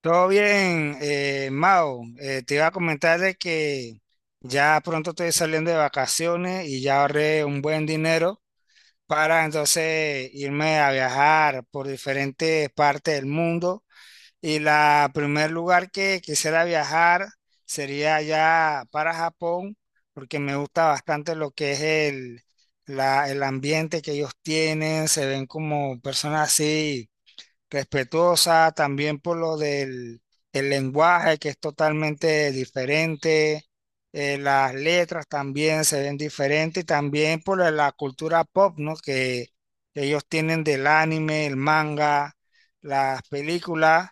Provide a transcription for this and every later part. Todo bien, Mao. Te iba a comentar de que ya pronto estoy saliendo de vacaciones y ya ahorré un buen dinero para entonces irme a viajar por diferentes partes del mundo. Y la primer lugar que quisiera viajar sería ya para Japón, porque me gusta bastante lo que es el ambiente que ellos tienen. Se ven como personas así respetuosa, también por lo del el lenguaje que es totalmente diferente, las letras también se ven diferentes y también por la cultura pop, ¿no? Que ellos tienen del anime, el manga, las películas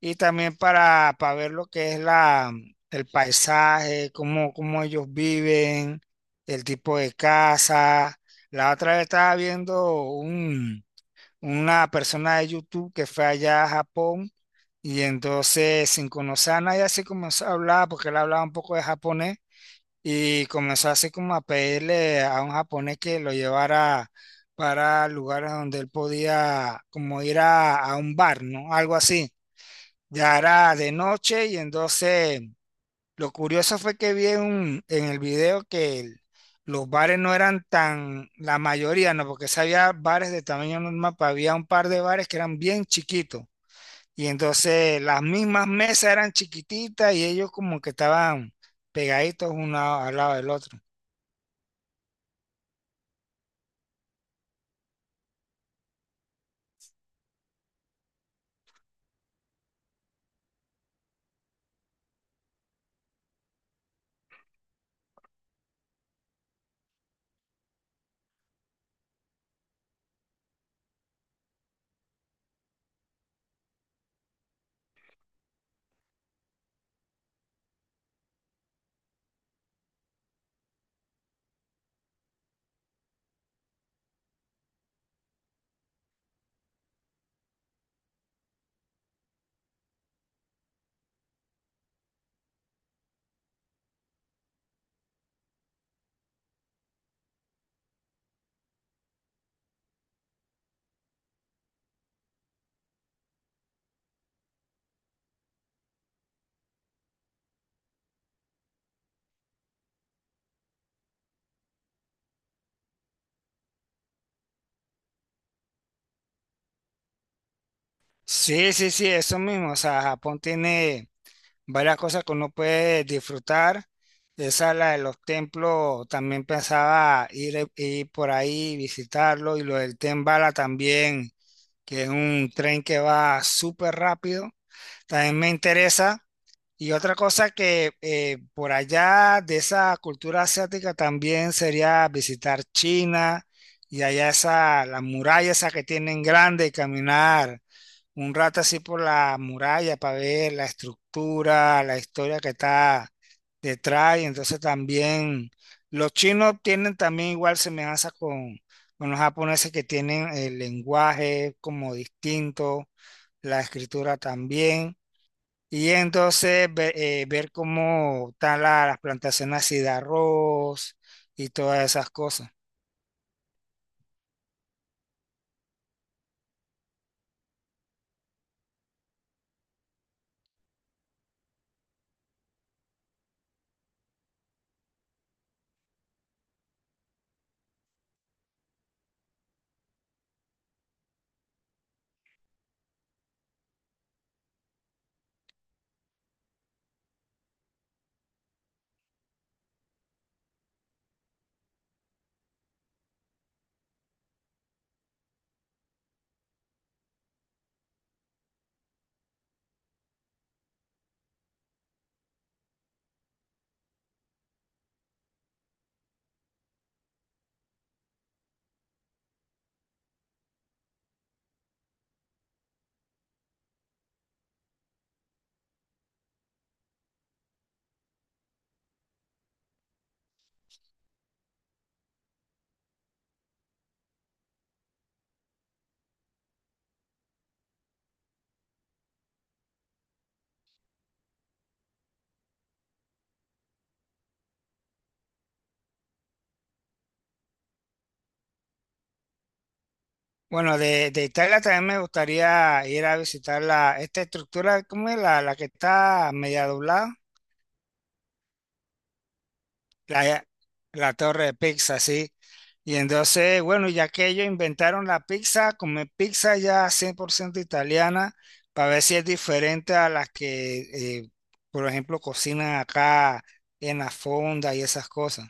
y también para ver lo que es el paisaje, cómo, cómo ellos viven, el tipo de casa. La otra vez estaba viendo un una persona de YouTube que fue allá a Japón y entonces sin conocer a nadie así comenzó a hablar porque él hablaba un poco de japonés y comenzó así como a pedirle a un japonés que lo llevara para lugares donde él podía como ir a un bar, ¿no? Algo así. Ya era de noche y entonces lo curioso fue que vi en el video que los bares no eran tan, la mayoría no, porque si había bares de tamaño normal, pero había un par de bares que eran bien chiquitos. Y entonces las mismas mesas eran chiquititas y ellos como que estaban pegaditos uno al lado del otro. Sí, sí, sí, eso mismo. O sea, Japón tiene varias cosas que uno puede disfrutar. Esa es la de los templos, también pensaba ir, ir por ahí, visitarlo, y lo del Tren Bala también, que es un tren que va súper rápido, también me interesa. Y otra cosa que por allá de esa cultura asiática también sería visitar China y allá esa, la muralla esa que tienen grande y caminar un rato así por la muralla para ver la estructura, la historia que está detrás. Y entonces también los chinos tienen también igual semejanza con los japoneses que tienen el lenguaje como distinto, la escritura también. Y entonces ver cómo están las plantaciones así de arroz y todas esas cosas. Bueno, de Italia también me gustaría ir a visitar la, esta estructura, ¿cómo es? La que está media doblada, la, la torre de pizza, sí. Y entonces, bueno, ya que ellos inventaron la pizza, comer pizza ya 100% italiana, para ver si es diferente a las que, eh, por ejemplo, cocinan acá en la fonda y esas cosas.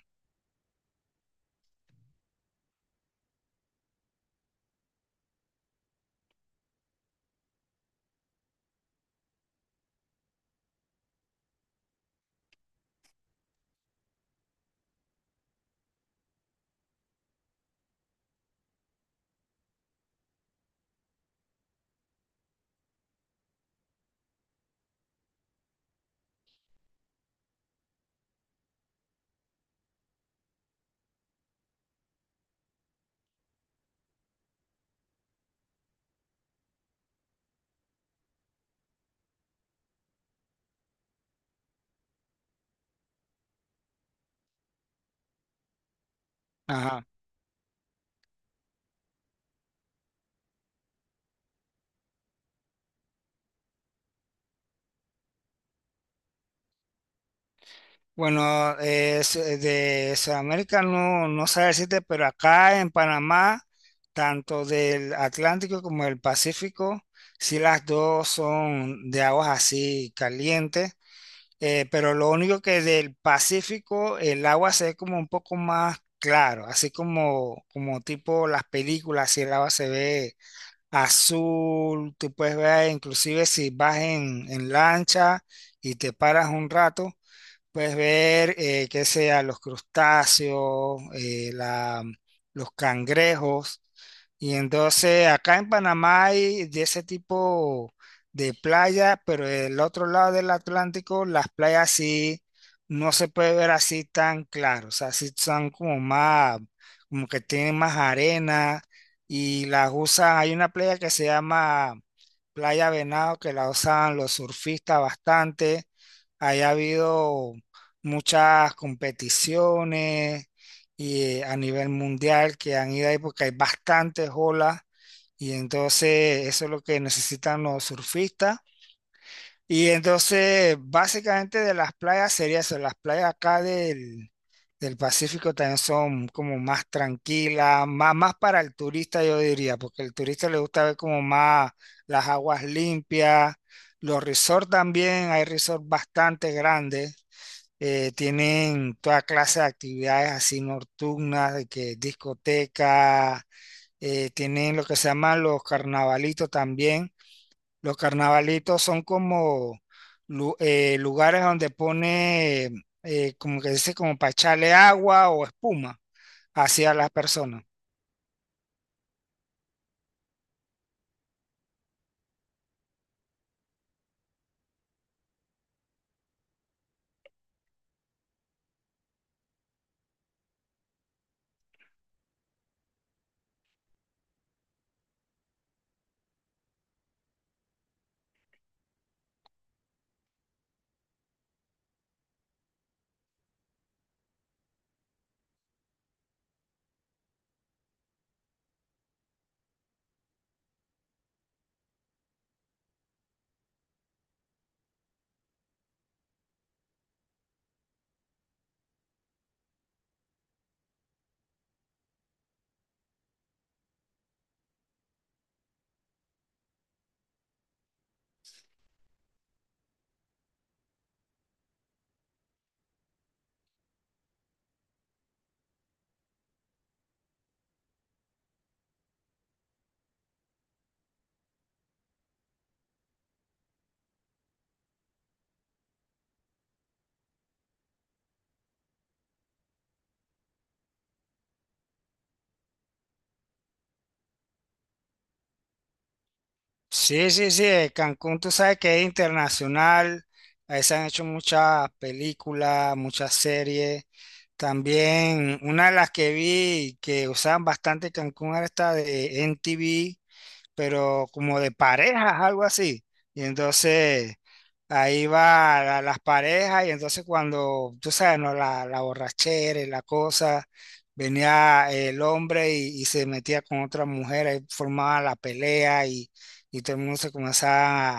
Bueno, de Sudamérica no, no sé decirte, pero acá en Panamá, tanto del Atlántico como del Pacífico, sí las dos son de aguas así calientes, pero lo único que del Pacífico el agua se ve como un poco más claro, así como, como tipo las películas, si el agua se ve azul, tú puedes ver inclusive si vas en lancha y te paras un rato. Puedes ver, que sea los crustáceos, los cangrejos. Y entonces acá en Panamá hay de ese tipo de playa, pero del otro lado del Atlántico, las playas sí no se puede ver así tan claro. O sea, sí son como más, como que tienen más arena y las usan. Hay una playa que se llama Playa Venado que la usan los surfistas bastante. Ahí ha habido muchas competiciones y, a nivel mundial que han ido ahí porque hay bastantes olas y entonces eso es lo que necesitan los surfistas. Y entonces básicamente de las playas sería eso, las playas acá del Pacífico también son como más tranquilas, más, para el turista yo diría, porque el turista le gusta ver como más las aguas limpias. Los resorts también, hay resorts bastante grandes tienen toda clase de actividades así nocturnas, de que discoteca, tienen lo que se llaman los carnavalitos también. Los carnavalitos son como lugares donde pone, como que dice, como para echarle agua o espuma hacia las personas. Sí, sí, sí, Cancún tú sabes que es internacional, ahí se han hecho muchas películas, muchas series. También una de las que vi que usaban bastante Cancún era esta de NTV, pero como de parejas, algo así. Y entonces ahí va las parejas y entonces cuando, tú sabes, ¿no? La borrachera y la cosa, venía el hombre y se metía con otra mujer, ahí formaba la pelea y todo el mundo se comenzaba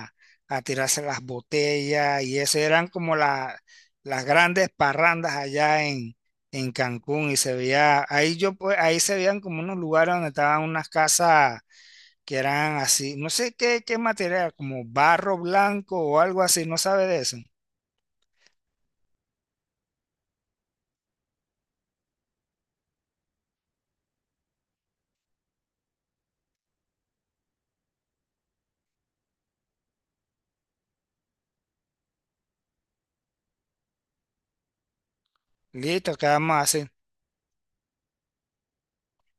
a tirarse las botellas y eso eran como las grandes parrandas allá en Cancún y se veía, ahí yo pues, ahí se veían como unos lugares donde estaban unas casas que eran así, no sé qué, qué material, como barro blanco o algo así, no sabe de eso. Listo, ¿qué vamos a hacer?